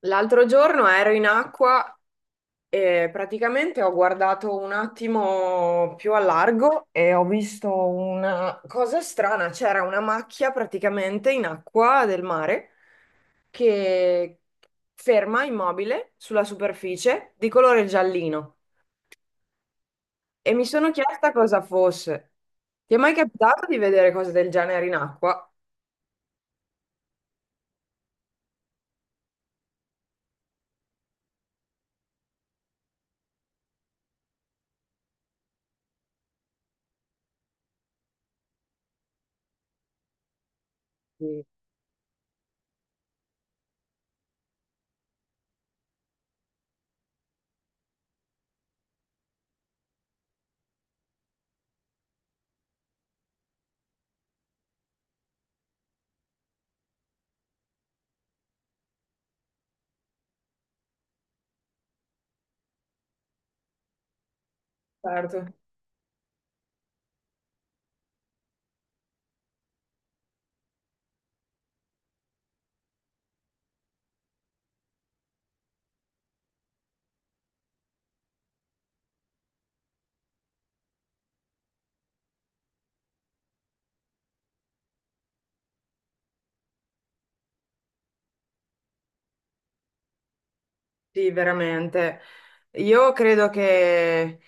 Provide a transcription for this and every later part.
L'altro giorno ero in acqua e praticamente ho guardato un attimo più a largo e ho visto una cosa strana, c'era una macchia praticamente in acqua del mare che ferma immobile sulla superficie di colore giallino e mi sono chiesta cosa fosse. Ti è mai capitato di vedere cose del genere in acqua? Sì. Certo, sì, veramente. Io credo che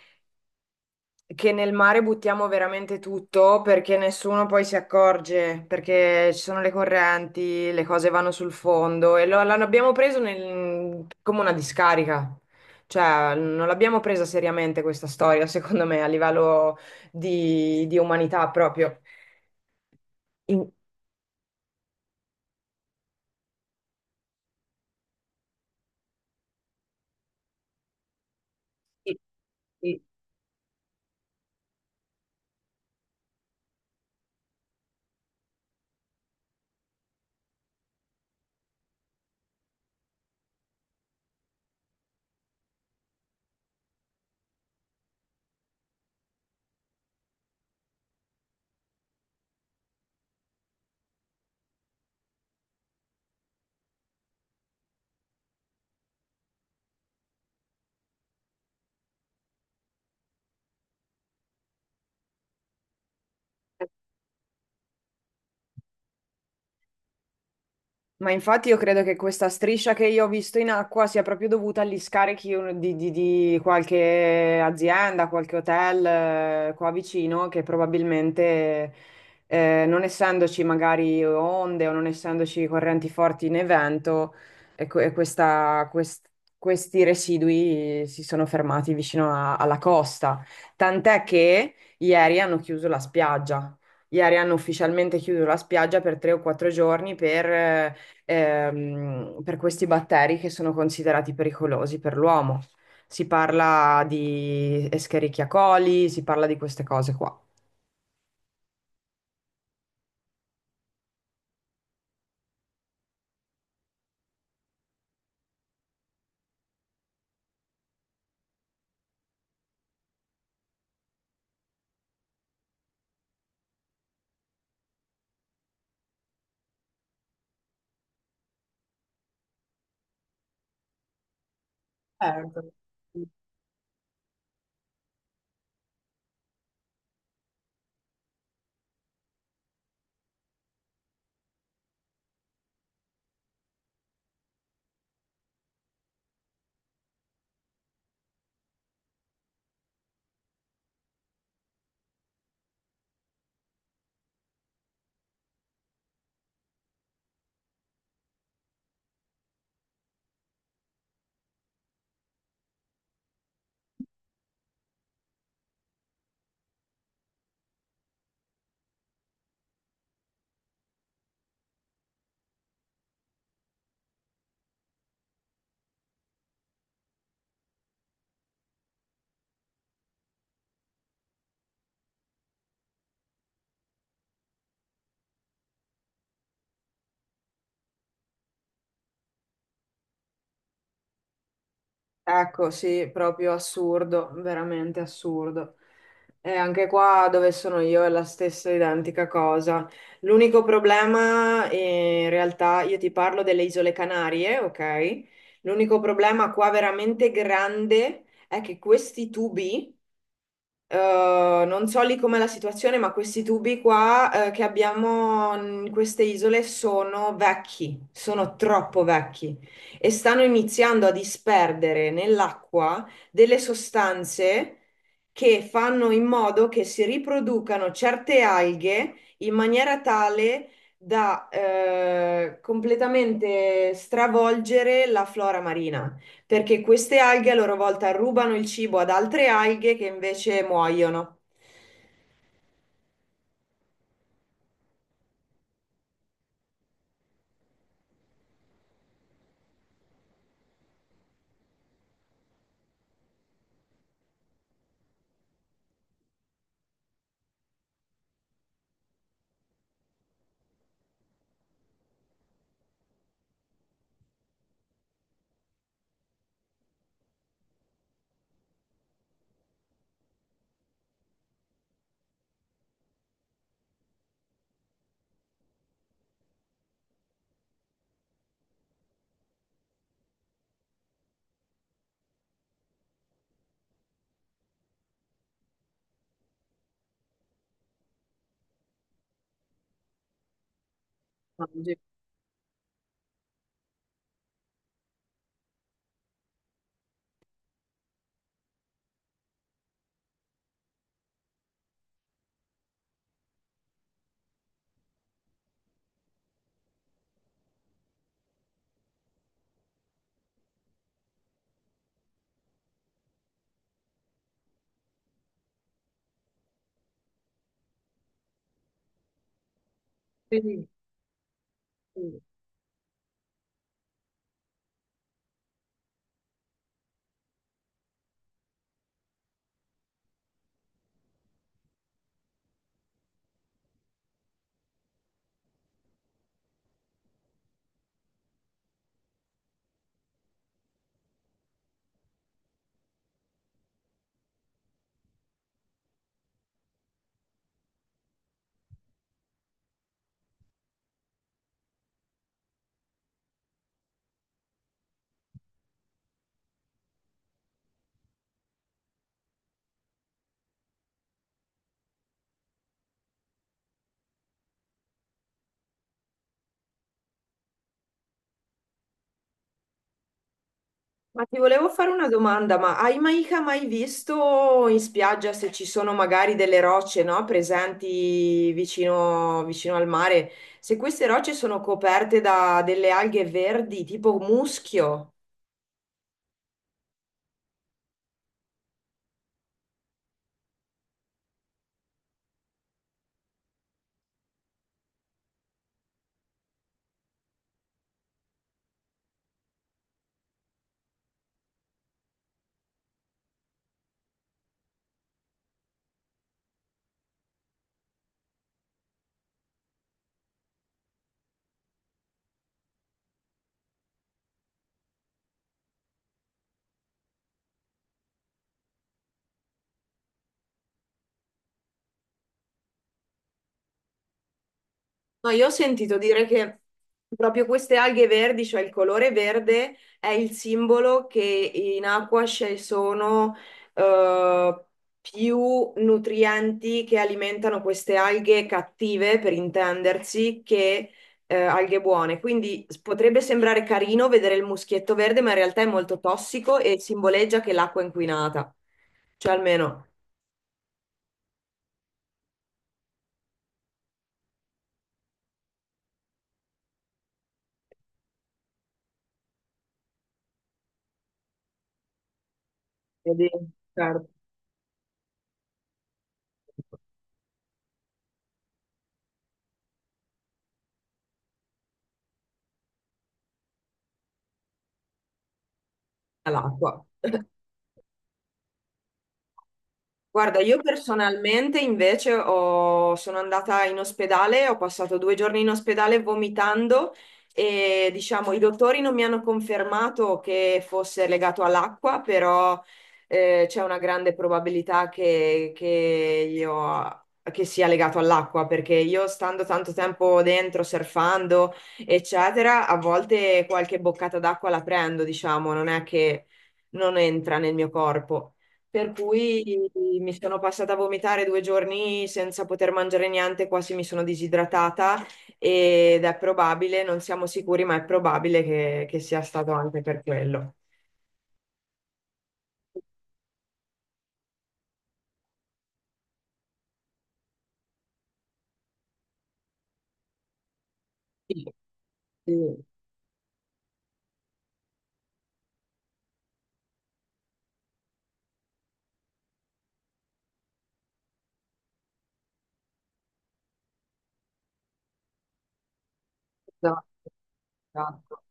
che nel mare buttiamo veramente tutto perché nessuno poi si accorge, perché ci sono le correnti, le cose vanno sul fondo e l'abbiamo preso come una discarica. Cioè, non l'abbiamo presa seriamente questa storia, secondo me, a livello di umanità proprio. In- Sì, sì. Ma infatti io credo che questa striscia che io ho visto in acqua sia proprio dovuta agli scarichi di qualche azienda, qualche hotel qua vicino che probabilmente non essendoci magari onde o non essendoci correnti forti né vento, e que- e questa- quest- questi residui si sono fermati alla costa. Tant'è che ieri hanno chiuso la spiaggia. Ieri hanno ufficialmente chiuso la spiaggia per tre o quattro giorni per questi batteri che sono considerati pericolosi per l'uomo. Si parla di Escherichia coli, si parla di queste cose qua. Certo. Ecco, sì, proprio assurdo, veramente assurdo. E anche qua dove sono io è la stessa identica cosa. L'unico problema, in realtà, io ti parlo delle Isole Canarie, ok? L'unico problema qua veramente grande è che questi tubi. Non so lì com'è la situazione, ma questi tubi qua, che abbiamo in queste isole sono vecchi, sono troppo vecchi e stanno iniziando a disperdere nell'acqua delle sostanze che fanno in modo che si riproducano certe alghe in maniera tale da, completamente stravolgere la flora marina perché queste alghe a loro volta rubano il cibo ad altre alghe che invece muoiono. Mangi. Sì, sì. Ma ti volevo fare una domanda, ma hai mai visto in spiaggia se ci sono magari delle rocce, no, presenti vicino al mare? Se queste rocce sono coperte da delle alghe verdi, tipo muschio? No, io ho sentito dire che proprio queste alghe verdi, cioè il colore verde, è il simbolo che in acqua ci sono eh, più nutrienti che alimentano queste alghe cattive, per intendersi, che alghe buone. Quindi potrebbe sembrare carino vedere il muschietto verde, ma in realtà è molto tossico e simboleggia che l'acqua è inquinata. Cioè almeno, vedi, certo, all'acqua. Guarda, io personalmente sono andata in ospedale, ho passato due giorni in ospedale vomitando e diciamo i dottori non mi hanno confermato che fosse legato all'acqua, però c'è una grande probabilità che sia legato all'acqua, perché io stando tanto tempo dentro, surfando, eccetera, a volte qualche boccata d'acqua la prendo, diciamo, non è che non entra nel mio corpo. Per cui mi sono passata a vomitare due giorni senza poter mangiare niente, quasi mi sono disidratata ed è probabile, non siamo sicuri, ma è probabile che sia stato anche per quello. Sì. Sì, esatto, esatto.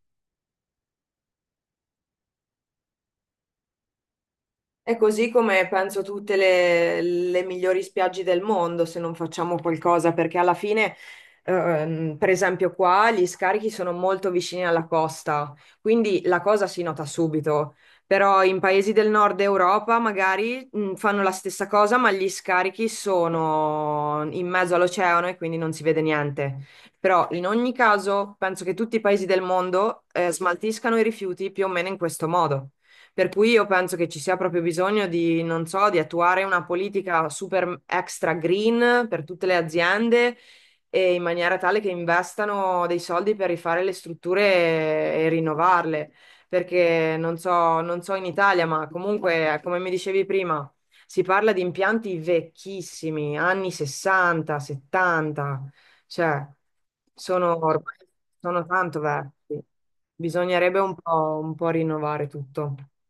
È così come penso tutte le migliori spiagge del mondo se non facciamo qualcosa, perché alla fine, per esempio qua, gli scarichi sono molto vicini alla costa, quindi la cosa si nota subito. Però in paesi del nord Europa magari fanno la stessa cosa, ma gli scarichi sono in mezzo all'oceano e quindi non si vede niente. Però in ogni caso penso che tutti i paesi del mondo, smaltiscano i rifiuti più o meno in questo modo. Per cui io penso che ci sia proprio bisogno di, non so, di attuare una politica super extra green per tutte le aziende e in maniera tale che investano dei soldi per rifare le strutture e rinnovarle. Perché non so, non so in Italia, ma comunque, come mi dicevi prima, si parla di impianti vecchissimi, anni 60, 70, cioè sono ormai sono tanto vecchi. Bisognerebbe un po' rinnovare tutto.